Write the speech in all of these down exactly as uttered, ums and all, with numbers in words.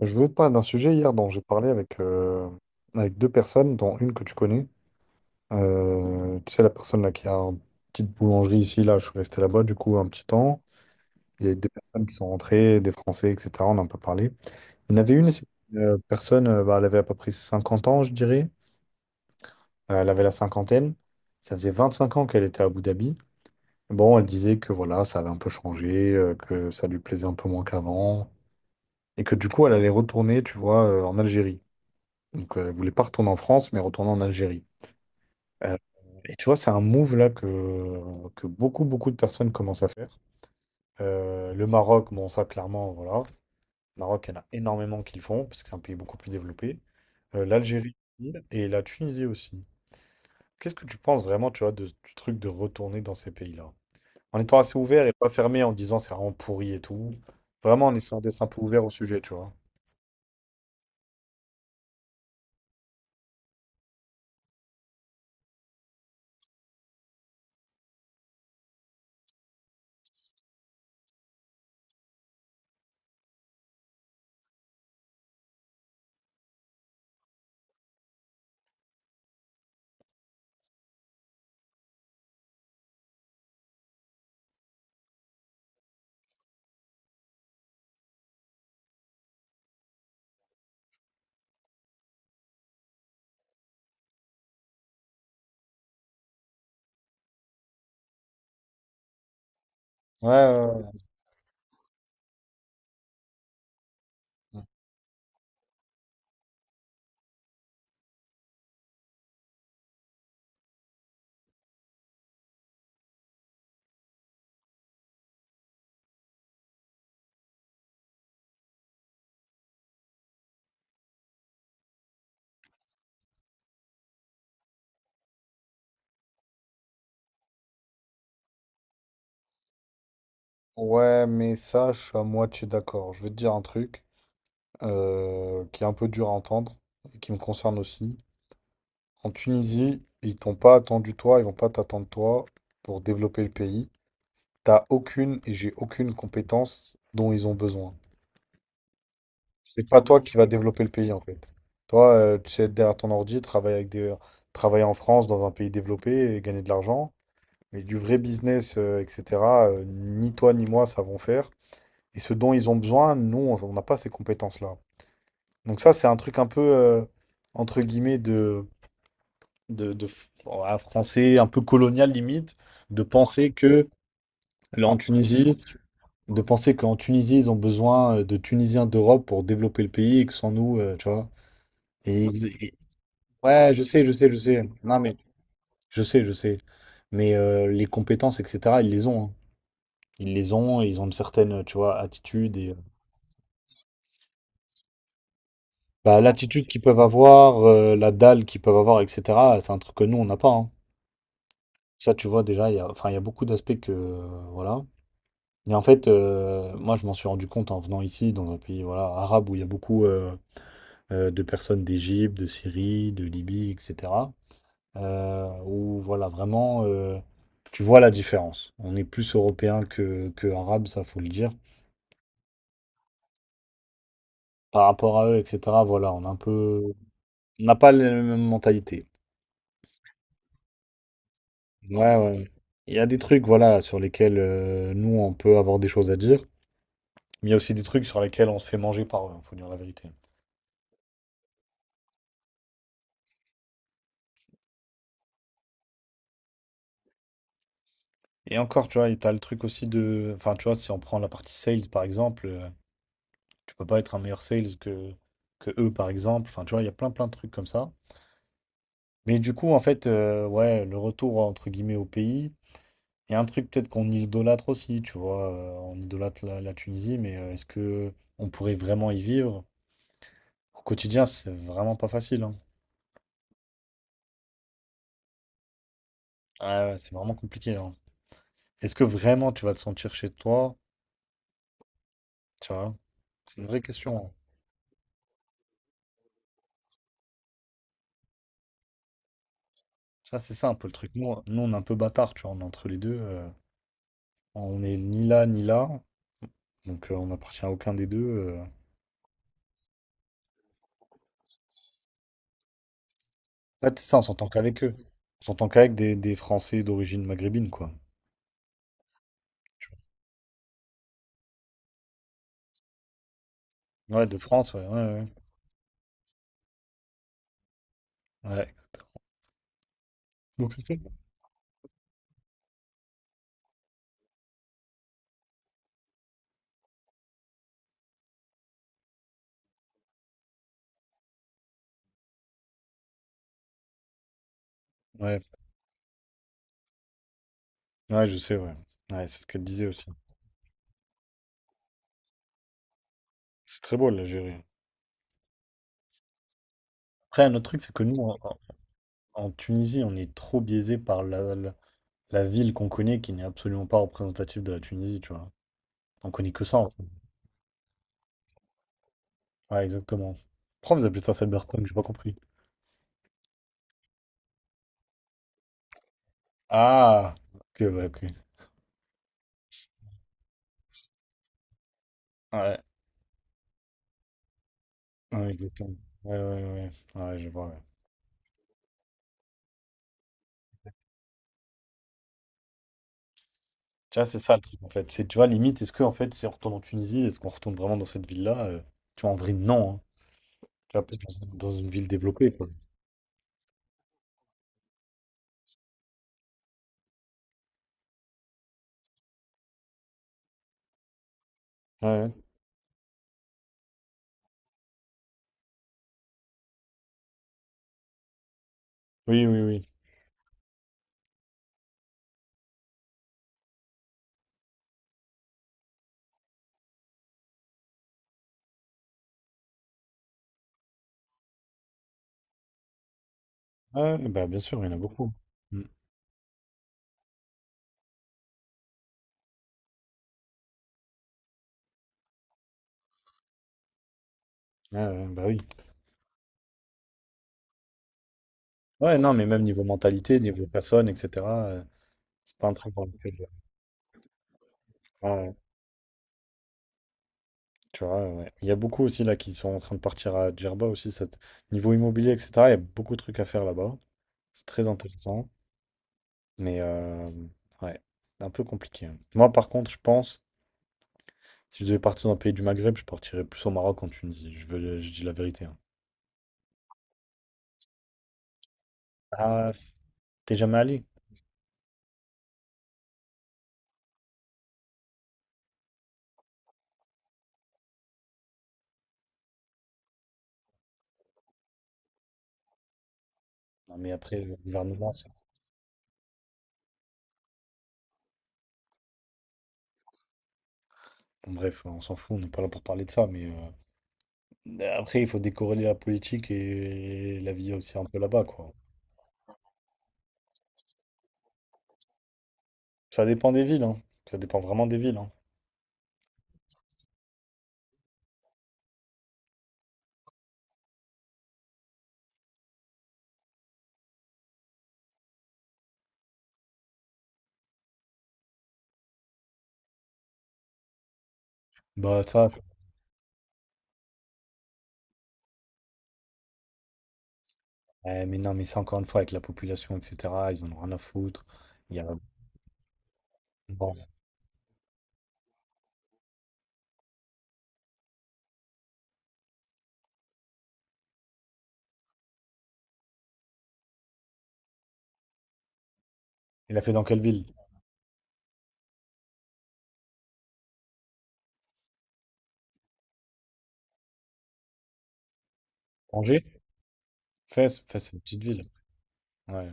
Je veux te parler d'un sujet hier dont j'ai parlé avec, euh, avec deux personnes, dont une que tu connais. Euh, tu sais, la personne là qui a une petite boulangerie ici, là, je suis resté là-bas du coup un petit temps. Il y a des personnes qui sont rentrées, des Français, et cetera. On en a pas parlé. Il y en avait une, c'est une, euh, personne, euh, bah, Elle avait à peu près cinquante ans, je dirais. Euh, elle avait la cinquantaine. Ça faisait vingt-cinq ans qu'elle était à Abu Dhabi. Bon, elle disait que voilà, ça avait un peu changé, euh, que ça lui plaisait un peu moins qu'avant, et que du coup, elle allait retourner, tu vois, euh, en Algérie. Donc, euh, elle voulait pas retourner en France, mais retourner en Algérie. Euh, et tu vois, c'est un move là que, que beaucoup, beaucoup de personnes commencent à faire. Euh, le Maroc, bon, ça, clairement, voilà. Le Maroc, il y en a énormément qui le font, parce que c'est un pays beaucoup plus développé. Euh, l'Algérie et la Tunisie aussi. Qu'est-ce que tu penses vraiment, tu vois, de, du truc de retourner dans ces pays-là? En étant assez ouvert et pas fermé en disant c'est vraiment pourri et tout. Vraiment en essayant d'être un peu ouvert au sujet, tu vois. Ouais, ouais, ouais. Ouais, mais ça, je suis à moitié d'accord. Je vais te dire un truc. euh, qui est un peu dur à entendre et qui me concerne aussi. En Tunisie, ils t'ont pas attendu toi, ils vont pas t'attendre toi pour développer le pays. T'as aucune et j'ai aucune compétence dont ils ont besoin. C'est pas toi qui vas développer le pays en fait. Toi, euh, tu sais être derrière ton ordi, travailler avec des... travailler en France dans un pays développé et gagner de l'argent. Mais du vrai business, euh, et cetera, euh, ni toi ni moi savons faire. Et ce dont ils ont besoin, nous, on on n'a pas ces compétences-là. Donc ça, c'est un truc un peu, euh, entre guillemets, de, de, de f- ouais, français, un peu colonial limite, de penser que là, en Tunisie, de penser qu'en Tunisie, ils ont besoin euh, de Tunisiens d'Europe pour développer le pays et que sans nous, euh, tu vois. Et ils- et- ouais, je sais, je sais, je sais. Non, mais je sais, je sais. Mais euh, les compétences, et cetera, ils les ont. hein. Ils les ont, et ils ont une certaine, tu vois, attitude et euh, bah, l'attitude qu'ils peuvent avoir, euh, la dalle qu'ils peuvent avoir, et cetera. C'est un truc que nous, on n'a pas. hein. Ça, tu vois, déjà, il y a, enfin, il y a beaucoup d'aspects que, euh, voilà. Et en fait, euh, moi, je m'en suis rendu compte en venant ici, dans un pays, voilà, arabe, où il y a beaucoup euh, euh, de personnes d'Égypte, de Syrie, de Libye, et cetera euh, où, voilà, vraiment, euh, tu vois la différence. On est plus européen que, que arabe, ça, faut le dire. Par rapport à eux, et cetera, voilà, on a un peu... On n'a pas la même mentalité. Ouais, ouais. Il y a des trucs, voilà, sur lesquels euh, nous, on peut avoir des choses à dire. Mais il y a aussi des trucs sur lesquels on se fait manger par eux, hein, faut dire la vérité. Et encore, tu vois, et t'as le truc aussi de. Enfin, tu vois, si on prend la partie sales par exemple, euh, tu peux pas être un meilleur sales que, que eux par exemple. Enfin, tu vois, il y a plein plein de trucs comme ça. Mais du coup, en fait, euh, ouais, le retour entre guillemets au pays, il y a un truc peut-être qu'on idolâtre aussi, tu vois. euh, on idolâtre la, la Tunisie, mais euh, est-ce que on pourrait vraiment y vivre? Au quotidien, c'est vraiment pas facile. hein. Ouais, ouais, c'est vraiment compliqué. hein. Est-ce que vraiment tu vas te sentir chez toi? Tu vois, c'est une vraie question. hein. Ça c'est ça un peu le truc. Nous, on nous, on est un peu bâtard, tu vois, on est entre les deux. euh, on est ni là, ni là. Donc, euh, on n'appartient à aucun des deux. euh. En fait, c'est ça, on s'entend qu'avec eux. On s'entend qu'avec des, des Français d'origine maghrébine, quoi. Tu vois. Ouais, de France, ouais, ouais, ouais. Ouais. Donc, c'est ça. Ouais, ouais, je sais, ouais. Ouais, c'est ce qu'elle disait aussi. C'est très beau, l'Algérie. Après, un autre truc, c'est que nous, en, en- en Tunisie, on est trop biaisé par la, la, la ville qu'on connaît, qui n'est absolument pas représentative de la Tunisie, tu vois. On connaît que ça. Ouais, exactement. Pourquoi vous appelez ça cyberpunk? J'ai pas compris. Ah! Ok, ouais, ok. Ouais, ouais, exactement. Ouais, ouais, ouais. Ouais, je vois, ouais. Tu vois, c'est ça le truc, en fait. C'est, tu vois, limite, est-ce que, en fait, si on retourne en Tunisie, est-ce qu'on retourne vraiment dans cette ville-là? euh, Tu vois, en vrai, non. hein. Tu vois, peut-être dans, une dans une ville développée, quoi. Ouais, ouais. Oui, oui, oui. Ouais, ouais, bah, bien sûr, il y en a beaucoup. Mm. Ouais, ouais, bah oui. Ouais, non, mais même niveau mentalité, niveau personne, et cetera, euh, c'est pas un truc dans lequel... euh, Ouais, ouais. Tu vois, ouais. Il y a beaucoup aussi là qui sont en train de partir à Djerba aussi, cette... niveau immobilier, et cetera. Il y a beaucoup de trucs à faire là-bas. C'est très intéressant. Mais euh, ouais, un peu compliqué. hein. Moi, par contre, je pense, si je devais partir dans le pays du Maghreb, je partirais plus au Maroc qu'en Tunisie. Je veux, je dis la vérité. hein. Ah, t'es jamais allé? Non, mais après, le gouvernement, ça- bon, bref, on s'en fout, on n'est pas là pour parler de ça. Mais euh, après, il faut décorréler la politique et la vie aussi un peu là-bas, quoi. Ça dépend des villes, hein. Ça dépend vraiment des villes, hein. Bah ça, Ouais, mais non, mais c'est encore une fois avec la population, et cetera. Ils en ont rien à foutre. Il y a... Bon. Ouais. Il a fait dans quelle ville? Angers? Fès, Fès, c'est une petite ville. Ouais,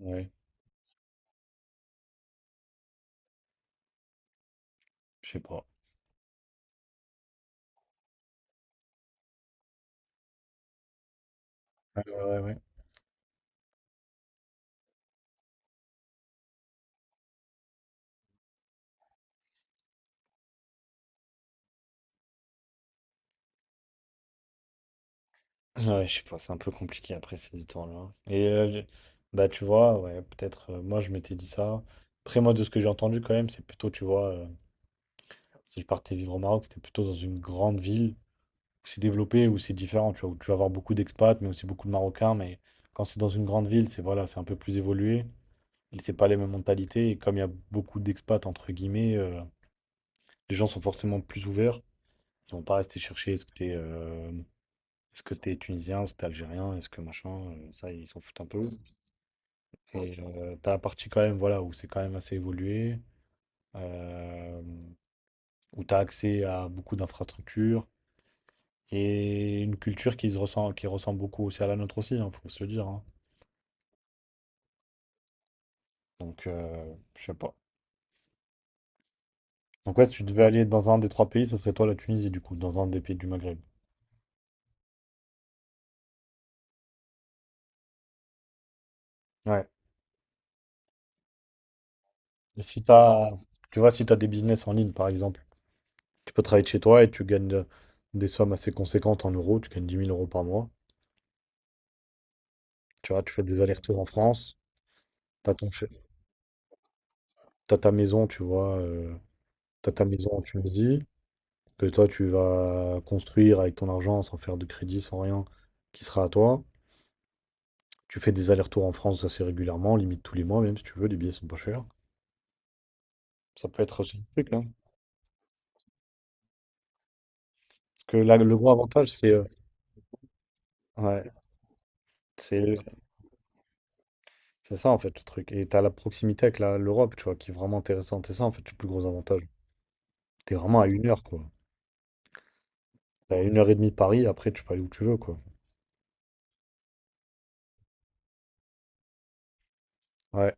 ouais, je sais pas. Ouais, ouais, ouais. Ouais, ouais, je sais pas, c'est un peu compliqué après ces histoires-là. Et euh, je- bah, tu vois, ouais, peut-être, euh, moi, je m'étais dit ça. Après, moi, de ce que j'ai entendu quand même, c'est plutôt, tu vois, euh, si je partais vivre au Maroc, c'était plutôt dans une grande ville où c'est développé, où c'est différent, tu vois, où tu vas avoir beaucoup d'expats, mais aussi beaucoup de Marocains, mais quand c'est dans une grande ville, c'est voilà, c'est un peu plus évolué. Et c'est pas les mêmes mentalités. Et comme il y a beaucoup d'expats, entre guillemets, euh, les gens sont forcément plus ouverts. Ils vont pas rester chercher est-ce que t'es euh, est-ce que t'es tunisien, est-ce que t'es algérien, est-ce que machin. euh, ça, ils s'en foutent un peu. Et euh, t'as la partie quand même, voilà, où c'est quand même assez évolué, euh, où t'as accès à beaucoup d'infrastructures et une culture qui se ressent, qui ressemble beaucoup aussi à la nôtre aussi, hein, faut se le dire. hein. Donc, euh, je sais pas. Donc ouais, si tu devais aller dans un des trois pays, ça serait toi la Tunisie, du coup, dans un des pays du Maghreb. Ouais. Et si t'as, tu vois, si t'as des business en ligne, par exemple, tu peux travailler de chez toi et tu gagnes euh, des sommes assez conséquentes en euros, tu gagnes dix mille euros par mois. Tu vois, tu fais des allers-retours en France, t'as ton, che- t'as ta maison, tu vois, euh, t'as ta maison en Tunisie, que toi, tu vas construire avec ton argent sans faire de crédit, sans rien, qui sera à toi. Tu fais des allers-retours en France assez régulièrement, limite tous les mois, même si tu veux, les billets sont pas chers. Ça peut être aussi un truc, hein. Parce que là, le gros avantage, c'est euh, ouais, c'est C'est ça en fait le truc. Et t'as la proximité avec la- l'Europe, tu vois, qui est vraiment intéressante. C'est ça en fait le plus gros avantage. T'es vraiment à une heure, quoi. T'es à une heure et demie de Paris, après tu peux aller où tu veux, quoi. Ouais.